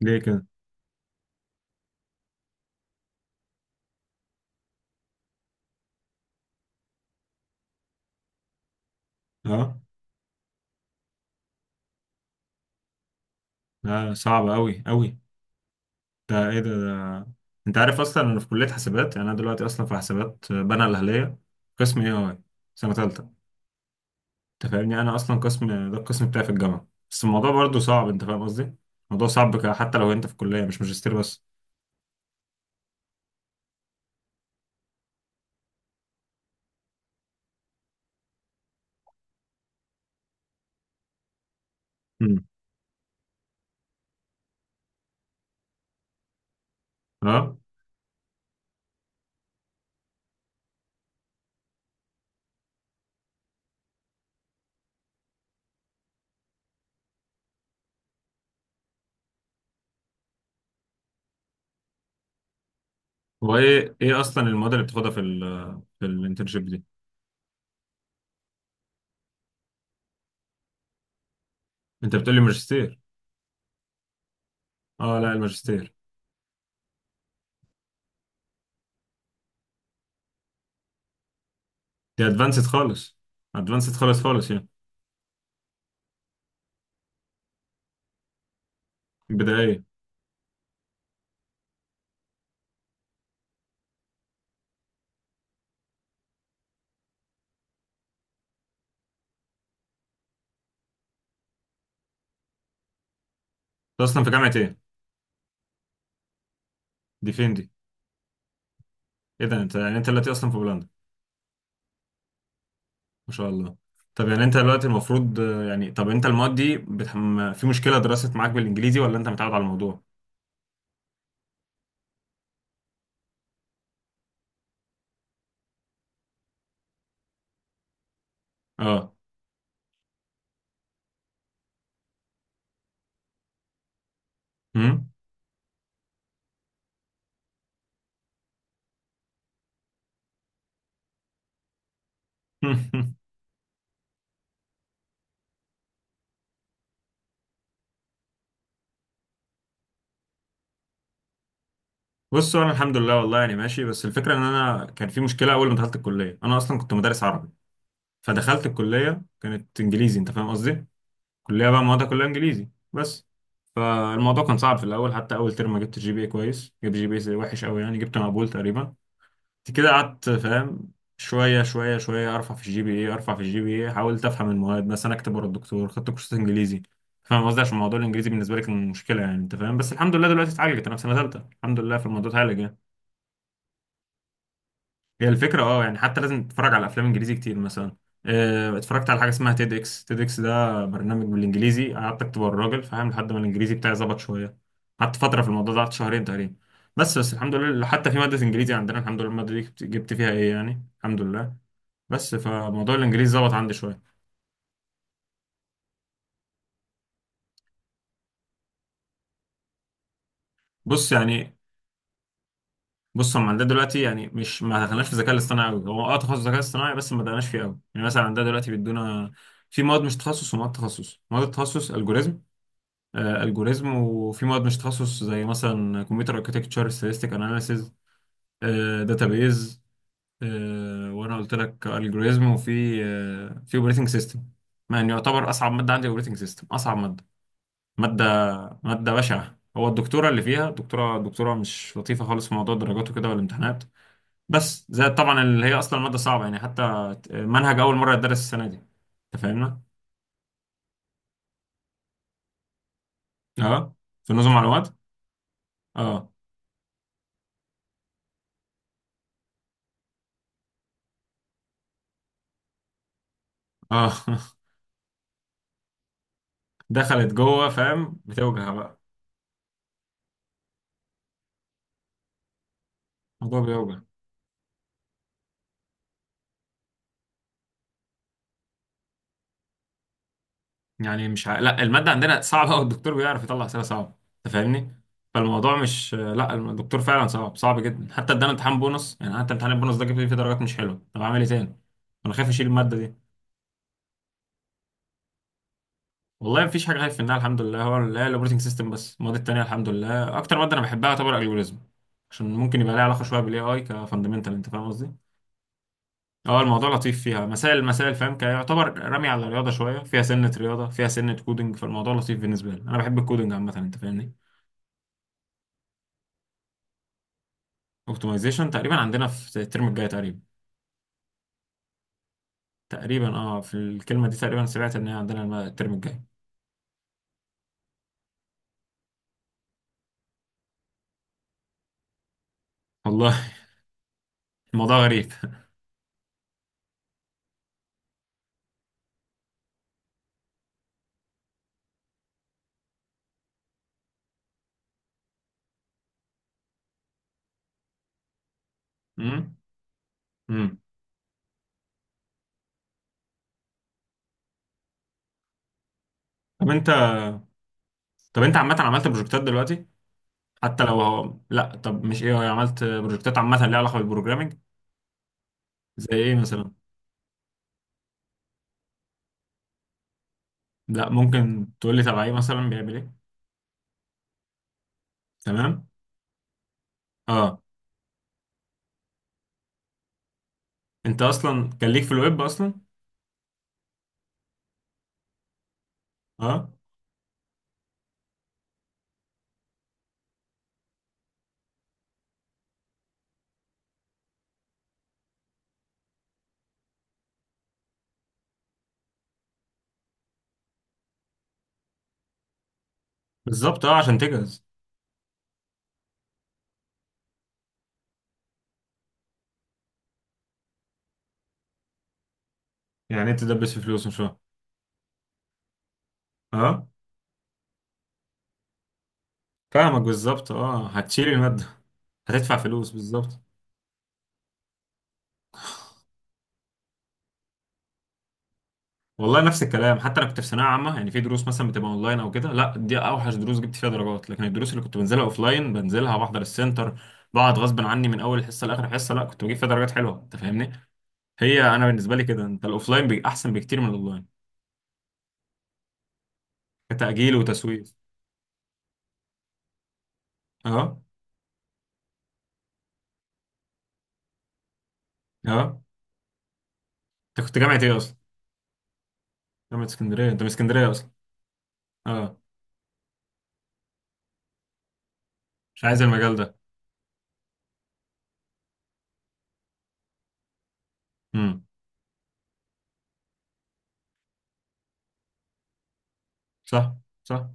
ليه كده؟ اه. لا، صعب قوي قوي. ده ايه ده. انت عارف اصلا انا في كليه حسابات، يعني انا دلوقتي اصلا في حسابات بنها الاهليه. قسم اي اي، سنه ثالثه. انت فاهمني؟ انا اصلا قسم ده القسم بتاعي في الجامعه، بس الموضوع برضه صعب، انت فاهم قصدي. الموضوع صعب حتى لو انت في كليه مش ماجستير بس. امم. اه. هو ايه اصلا المواد اللي بتاخدها في ال في الانترنشيب دي؟ انت بتقول لي ماجستير؟ اه، لا، الماجستير. دي ادفانسد خالص، ادفانسد خالص خالص يعني. بدائيه انت اصلا في جامعه ايه؟ دي فين دي؟ ايه ده، انت يعني انت دلوقتي اصلا في بولندا؟ ما شاء الله. طب يعني انت دلوقتي المفروض، يعني طب انت المواد دي في مشكله، درست معاك بالانجليزي ولا انت متعود على الموضوع؟ اه. امم. بصوا، انا الحمد لله، والله يعني ماشي، بس الفكره ان انا كان في مشكله اول ما دخلت الكليه، انا اصلا كنت مدرس عربي، فدخلت الكليه كانت انجليزي، انت فاهم قصدي. كليه بقى موادها كلها انجليزي بس، فالموضوع كان صعب في الاول، حتى اول ترم ما جبت جي بي اي كويس، جبت جي بي اي وحش قوي يعني، جبت مقبول تقريبا. كده قعدت فاهم، شوية شوية شوية أرفع في الجي بي إيه، أرفع في الجي بي إيه، حاولت أفهم المواد، مثلا أكتب ورا الدكتور، خدت كورسات إنجليزي، فاهم قصدي، عشان موضوع الإنجليزي بالنسبة لي كان مشكلة، يعني أنت فاهم، بس الحمد لله دلوقتي اتعالجت، أنا في سنة تالتة الحمد لله، في الموضوع اتعالج يعني. هي الفكرة أه، يعني حتى لازم تتفرج على أفلام إنجليزي كتير مثلا، اتفرجت على حاجة اسمها تيد إكس، تيد إكس ده برنامج بالإنجليزي، قعدت أكتب ورا الراجل فاهم، لحد ما الإنجليزي بتاعي ظبط شوية. قعدت فترة في الموضوع ده، قعدت شهرين تقريبا. بس الحمد لله، حتى في مادة إنجليزي عندنا الحمد لله، المادة دي جبت فيها إيه يعني، الحمد لله. بس فموضوع الانجليزي ظبط عندي شويه. بص يعني. بص، هم عندنا دلوقتي يعني، مش، ما دخلناش في الذكاء الاصطناعي قوي. هو تخصص ذكاء اصطناعي، بس ما دخلناش فيه قوي يعني. مثلا عندنا دلوقتي بيدونا في مواد مش تخصص ومواد تخصص. مواد التخصص الجوريزم، الجوريزم، وفي مواد مش تخصص زي مثلا كمبيوتر اركتكتشر، ستاتستيك اناليسيز، داتابيز، وانا قلت لك الجوريزم، وفي آه في اوبريتنج سيستم. يعني يعتبر اصعب ماده عندي اوبريتنج سيستم، اصعب ماده. مادة مادة بشعة، هو الدكتورة اللي فيها دكتورة مش لطيفة خالص في موضوع الدرجات وكده والامتحانات، بس زائد طبعا اللي هي أصلا مادة صعبة يعني، حتى منهج أول مرة يتدرس السنة دي. أنت فاهمنا؟ أه. في نظم معلومات؟ أه. أه. دخلت جوه فاهم، بتوجع بقى. الموضوع بيوجع. يعني مش لا، المادة عندنا صعبة والدكتور بيعرف يطلع أسئلة صعبة، أنت فاهمني؟ فالموضوع مش، لا، الدكتور فعلا صعب، صعب جدا، حتى ادانا امتحان بونص، يعني حتى امتحان البونص ده جبت فيه درجات مش حلوة، طب أعمل إيه تاني؟ أنا خايف أشيل المادة دي. والله مفيش حاجة خايف منها الحمد لله، هو لا، الأوبريتنج سيستم بس، المواد التانية الحمد لله. أكتر مادة أنا بحبها يعتبر الجوريزم، عشان ممكن يبقى لها علاقة شوية بالاي اي كفاندمنتال، انت فاهم قصدي؟ اه، الموضوع لطيف فيها، مسائل مسائل فاهم، كيعتبر رمي على الرياضة شوية، فيها سنة رياضة فيها سنة كودنج، فالموضوع لطيف بالنسبة لي، أنا بحب الكودنج عامة، انت فاهمني؟ اوبتمايزيشن تقريبا عندنا في الترم الجاي تقريبا. تقريبا اه، في الكلمه دي تقريبا سمعت ان هي عندنا الترم الجاي. والله. الموضوع غريب. امم. امم. طب انت طب انت عامه عملت بروجكتات دلوقتي؟ حتى لو هو، لا، طب مش ايه، هو عملت بروجكتات عامه ليها علاقه بالبروجرامنج؟ زي ايه مثلا؟ لا، ممكن تقول لي تبع ايه مثلا بيعمل ايه. تمام. اه. انت اصلا كان ليك في الويب اصلا؟ اه، بالظبط، اه عشان تجهز. يعني انت تدبس في فلوس، مش فاهم. اه، فاهمك بالظبط، اه، هتشيل الماده، هتدفع فلوس بالظبط. والله نفس الكلام، حتى انا كنت في ثانويه عامه، يعني في دروس مثلا بتبقى اونلاين او كده، لا دي اوحش دروس جبت فيها درجات، لكن الدروس اللي كنت بنزلها اوفلاين، بنزلها بحضر السنتر، بقعد غصب عني من اول حصه لاخر حصه، لا كنت بجيب فيها درجات حلوه، انت فاهمني. هي انا بالنسبه لي كده، انت الاوفلاين احسن بكتير من الاونلاين. كتاجيل وتسويف. اه. اه. انت كنت جامعه ايه اصلا؟ جامعه اسكندريه. انت من اسكندريه اصلا؟ اه. مش عايز المجال ده. امم. صح. صح.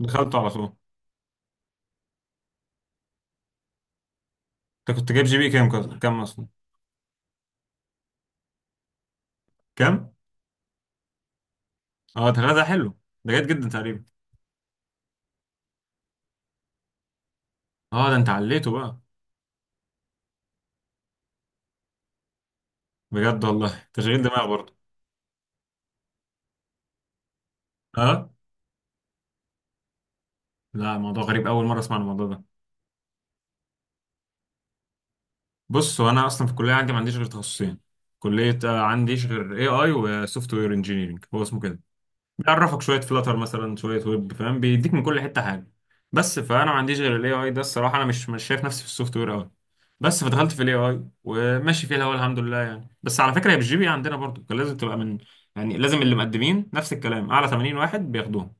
دخلته على طول. انت كنت جايب جي بي كام، كام اصلا؟ كام؟ اه، ده ده حلو، ده جيد جدا تقريبا. اه ده انت عليته بقى. بجد، والله تشغيل دماغ برضه. اه. لا، موضوع غريب، اول مره اسمع عن الموضوع ده. بص، هو انا اصلا في الكليه عندي ما عنديش غير تخصصين، كليه، عنديش غير اي اي وسوفت وير انجينيرنج، هو اسمه كده. بيعرفك شويه فلاتر مثلا، شويه ويب فاهم، بيديك من كل حته حاجه. بس فانا ما عنديش غير الاي اي ده الصراحه، انا مش شايف نفسي في السوفت وير قوي. بس فدخلت في الاي اي وماشي فيها، هو الحمد لله يعني. بس على فكره هي بالجي بي عندنا برضه كان لازم تبقى من، يعني لازم، اللي مقدمين نفس الكلام، اعلى 80 واحد بياخدوهم.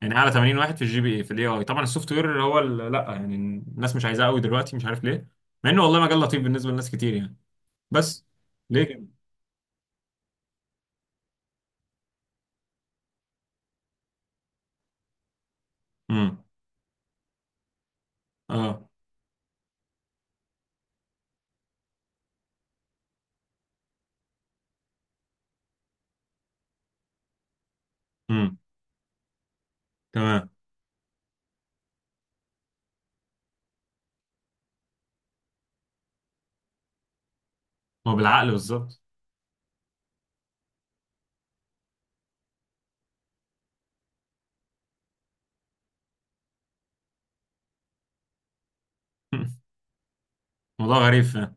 يعني اعلى 80 واحد في الجي بي اي في الاي اي. طبعا السوفت وير اللي هو لا يعني، الناس مش عايزاه قوي دلوقتي، مش عارف ليه، مع انه والله مجال لطيف بالنسبه لناس كتير يعني. بس. ليه كده؟ امم. اه. امم. تمام. هو بالعقل بالظبط. موضوع غريب فاهم.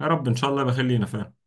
يا رب ان شاء الله، بخلينا فاهم.